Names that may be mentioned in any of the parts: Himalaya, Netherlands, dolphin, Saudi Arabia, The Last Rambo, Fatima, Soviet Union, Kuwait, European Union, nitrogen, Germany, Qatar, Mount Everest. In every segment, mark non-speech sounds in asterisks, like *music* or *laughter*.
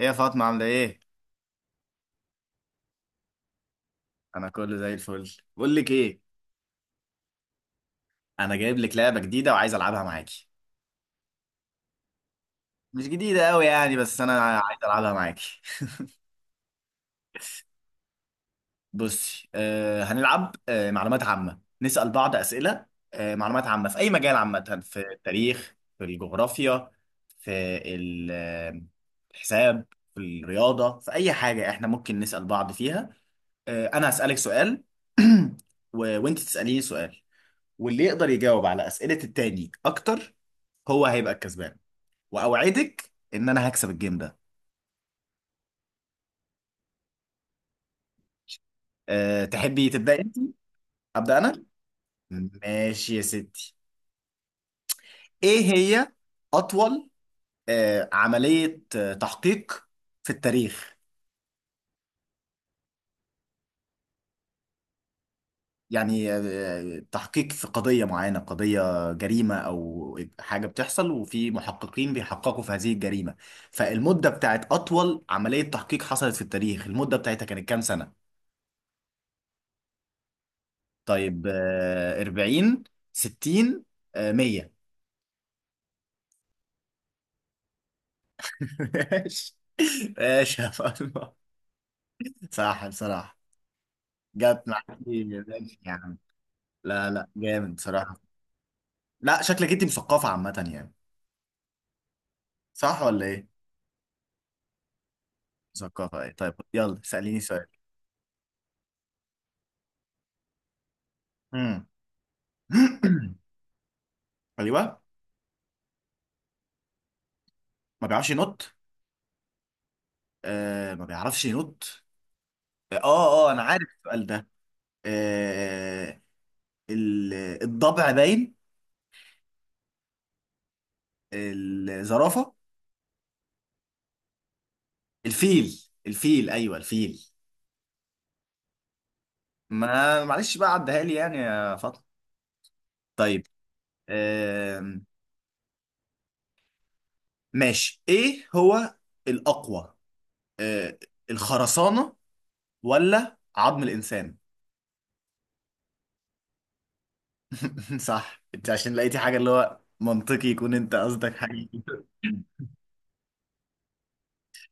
ايه يا فاطمة، عاملة ايه؟ أنا كله زي الفل. بقول لك ايه؟ أنا جايب لك لعبة جديدة وعايز ألعبها معاكي. مش جديدة أوي يعني، بس أنا عايز ألعبها معاكي. *laughs* بصي، هنلعب معلومات عامة، نسأل بعض أسئلة. معلومات عامة في أي مجال، عامة في التاريخ، في الجغرافيا، في ال- آه، الحساب، في الرياضة، في أي حاجة إحنا ممكن نسأل بعض فيها. أنا هسألك سؤال. *clears throat* و... وأنت تسأليني سؤال، واللي يقدر يجاوب على أسئلة التاني أكتر هو هيبقى الكسبان. وأوعدك إن أنا هكسب الجيم ده. أه، تحبي تبدأ أنت؟ أبدأ أنا؟ ماشي يا ستي. إيه هي أطول أه عملية تحقيق في التاريخ؟ يعني تحقيق في قضية معينة، قضية جريمة أو حاجة بتحصل، وفي محققين بيحققوا في هذه الجريمة. فالمدة بتاعت أطول عملية تحقيق حصلت في التاريخ، المدة بتاعتها كانت كام سنة؟ طيب 40، 60، 100. *laughs* ماشي. ماشي يا فاطمة. صح بصراحة، جت معاك. ماشي يا عم، لا لا، جامد بصراحة. لا شكلك انت مثقفة عامة يعني. صح ولا ايه؟ مثقفة ايه. طيب يلا، سأليني سؤال. مم. *clears throat* ايوه. ما بيعرفش ينط. آه ما بيعرفش ينط. انا عارف السؤال ده. آه ال- الضبع باين. الزرافة. الفيل، ايوه الفيل. ما معلش بقى، عدها لي يعني يا فاطمه. طيب. آم، ماشي. ايه هو الاقوى، آه، الخرسانه ولا عظم الانسان؟ *laughs* صح. انت عشان لقيتي حاجه اللي هو منطقي يكون انت قصدك حاجه. *laughs*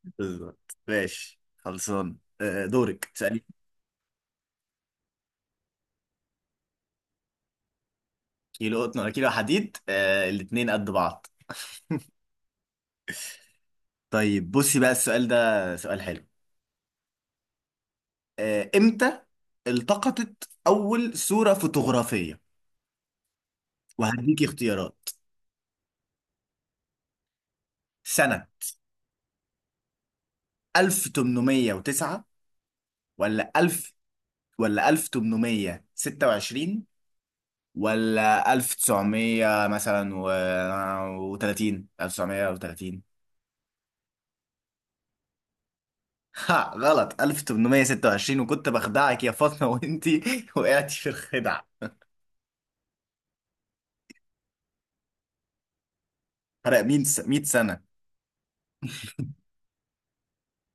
بالظبط. ماشي، خلصان. دورك تسألي. كيلو قطن ولا كيلو حديد؟ الاتنين قد بعض. طيب بصي بقى، السؤال ده سؤال حلو. امتى التقطت أول صورة فوتوغرافية؟ وهديكي اختيارات. سنة 1809، ولا 1000، ولا 1826، ولا 1900 مثلا، و 30 1930. ها، غلط. 1826. وكنت بخدعك يا فاطمة، وانتي *laughs* وقعتي في الخدع. فرق 100 سنة.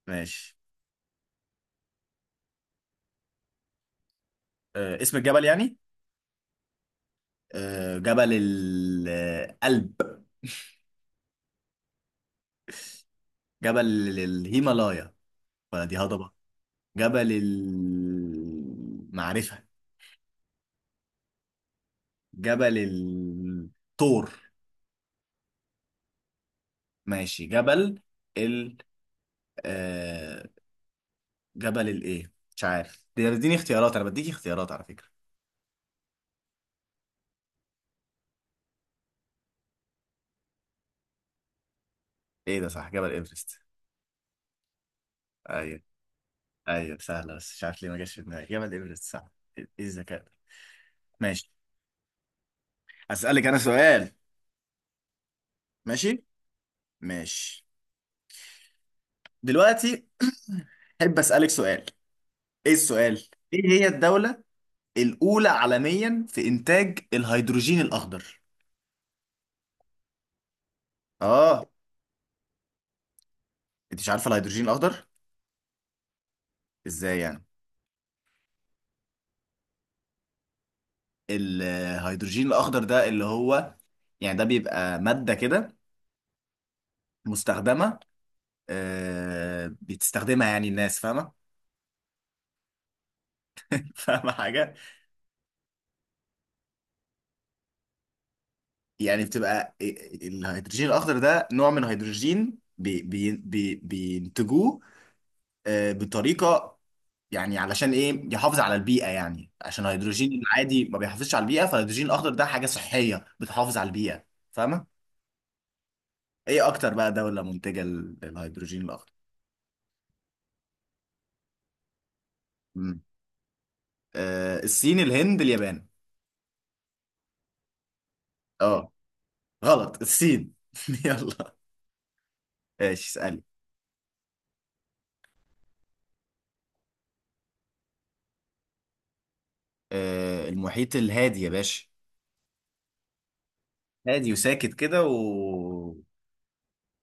ماشي. اسم الجبل يعني. جبل القلب. جبل الهيمالايا، فدي هضبة. جبل المعرفة. جبل الطور. ماشي. جبل ال آه جبل الايه مش عارف، دي اديني اختيارات، انا بديك اختيارات على فكرة. ايه ده؟ صح، جبل ايفرست. ايوه. ايوه سهلة، بس مش عارف ليه ما جاش في دماغي جبل ايفرست. صح. ايه الذكاء ده. ماشي. اسألك انا سؤال. ماشي. ماشي. دلوقتي *clears throat* احب اسألك سؤال. ايه السؤال؟ ايه هي الدولة الاولى عالميا في انتاج الهيدروجين الاخضر؟ اه. انت مش عارفه الهيدروجين الاخضر؟ ازاي يعني؟ الهيدروجين الاخضر ده اللي هو، يعني ده بيبقى ماده كده مستخدمه، بتستخدمها يعني، الناس فاهمه؟ *laughs* فاهمه حاجه. يعني بتبقى الهيدروجين الاخضر ده نوع من الهيدروجين، بي بي بي بينتجوه بطريقه، يعني علشان ايه، يحافظ على البيئه، يعني عشان الهيدروجين العادي ما بيحافظش على البيئه، فالهيدروجين الاخضر ده حاجه صحيه بتحافظ على البيئه. فاهمه؟ ايه اكتر بقى دوله منتجه للهيدروجين الاخضر؟ مم. الصين، الهند، اليابان. اه غلط. الصين. *laughs* يلا. ماشي، اسالي. المحيط الهادي يا باشا. هادي وساكت كده و...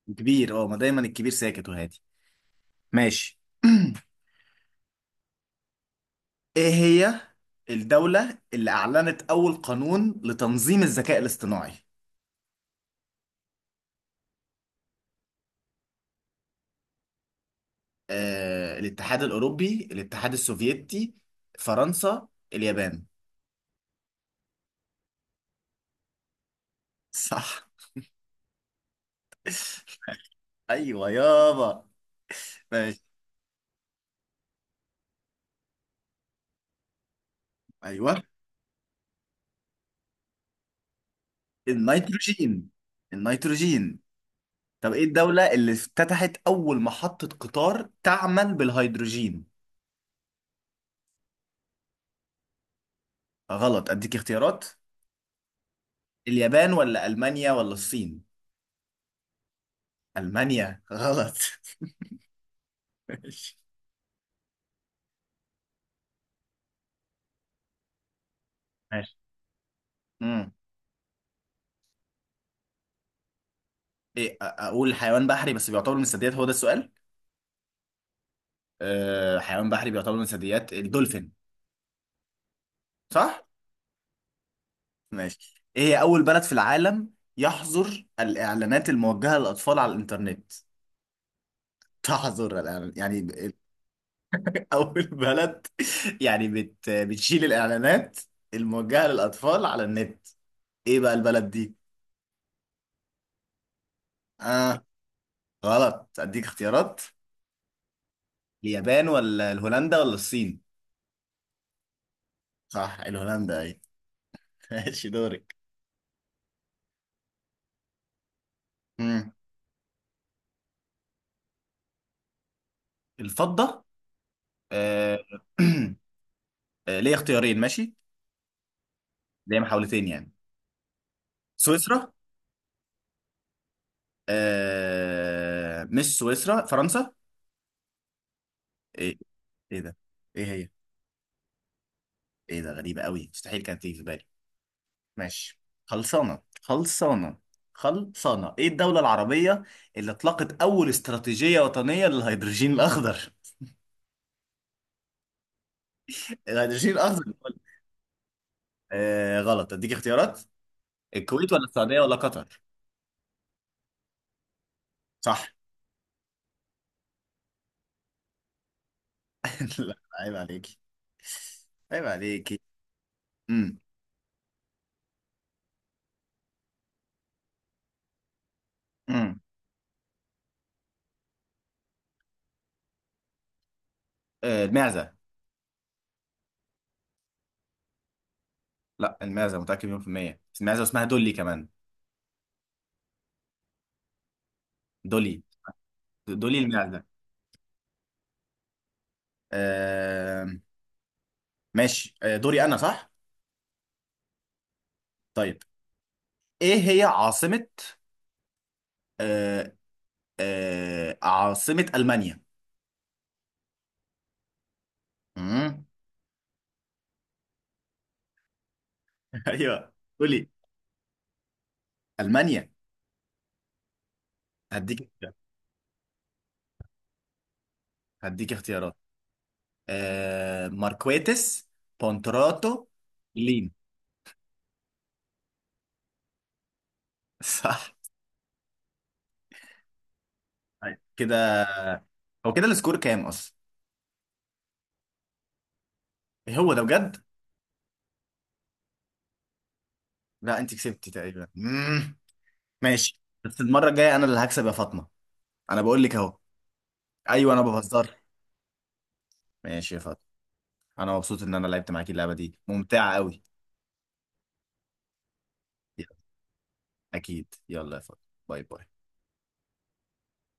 وكبير. اه، ما دايما الكبير ساكت وهادي. ماشي. *clears throat* ايه هي الدولة اللي اعلنت اول قانون لتنظيم الذكاء الاصطناعي؟ الاتحاد الاوروبي، الاتحاد السوفيتي، فرنسا، اليابان. صح. *laughs* ايوه يابا. ماشي. ايوه. النيتروجين. النيتروجين. طب ايه الدولة اللي افتتحت اول محطة قطار تعمل بالهيدروجين؟ غلط، اديك اختيارات. اليابان ولا المانيا ولا الصين؟ المانيا. غلط. *laughs* ماشي. ماشي. إيه، اقول حيوان بحري بس بيعتبر من الثدييات، هو ده السؤال. أه، حيوان بحري بيعتبر من الثدييات، الدولفين. صح. ماشي. ايه هي اول بلد في العالم يحظر الاعلانات الموجهه للاطفال على الانترنت؟ *laughs* تحظر الإعلان- يعني ب- *laughs* اول بلد يعني بتشيل الاعلانات الموجهه للاطفال على النت. ايه بقى البلد دي؟ اه غلط، اديك اختيارات. اليابان ولا الهولندا ولا الصين؟ صح، الهولندا. ايه. *laughs* ماشي، دورك. مم. الفضه. آه، *clears throat* ليا اختيارين ماشي. ليا محاولتين يعني. سويسرا. مش سويسرا، فرنسا. ايه. ايه ده. ايه هي. ايه ده، غريبة قوي، مستحيل كانت تيجي في بالي. ماشي. خلصانة خلصانة خلصانة. ايه الدولة العربية اللي اطلقت اول استراتيجية وطنية للهيدروجين الاخضر؟ *laughs* الهيدروجين الاخضر. غلط، اديك اختيارات. الكويت ولا السعودية ولا قطر؟ صح. *laughs* لا، عيب عليكي. عيب عليكي. امم. المعزة. لا، المعزة متأكد مليون في المية. المعزة اسمها دولي كمان. دولي. دولي المعزة. آه. ماشي. آه، دوري أنا صح؟ طيب. إيه هي عاصمة آه عاصمة ألمانيا؟ مم. *laughs* أيوه. قولي. ألمانيا. هديك اختيارات. هديك اختيارات. ماركويتس، بونتراتو، لين. *laughs* صح. طيب كده. هو كده السكور كام أصلا؟ إيه هو ده بجد؟ لا، أنت كسبتي تقريبا. مم. ماشي. بس المرة الجاية أنا اللي هكسب يا فاطمة. أنا بقول لك أهو. أيوه، أنا بهزر. ماشي يا فاطمة. أنا مبسوط إن أنا لعبت معاكي، اللعبة دي ممتعة أوي. يلا، أكيد يلا يا فاطمة. باي باي.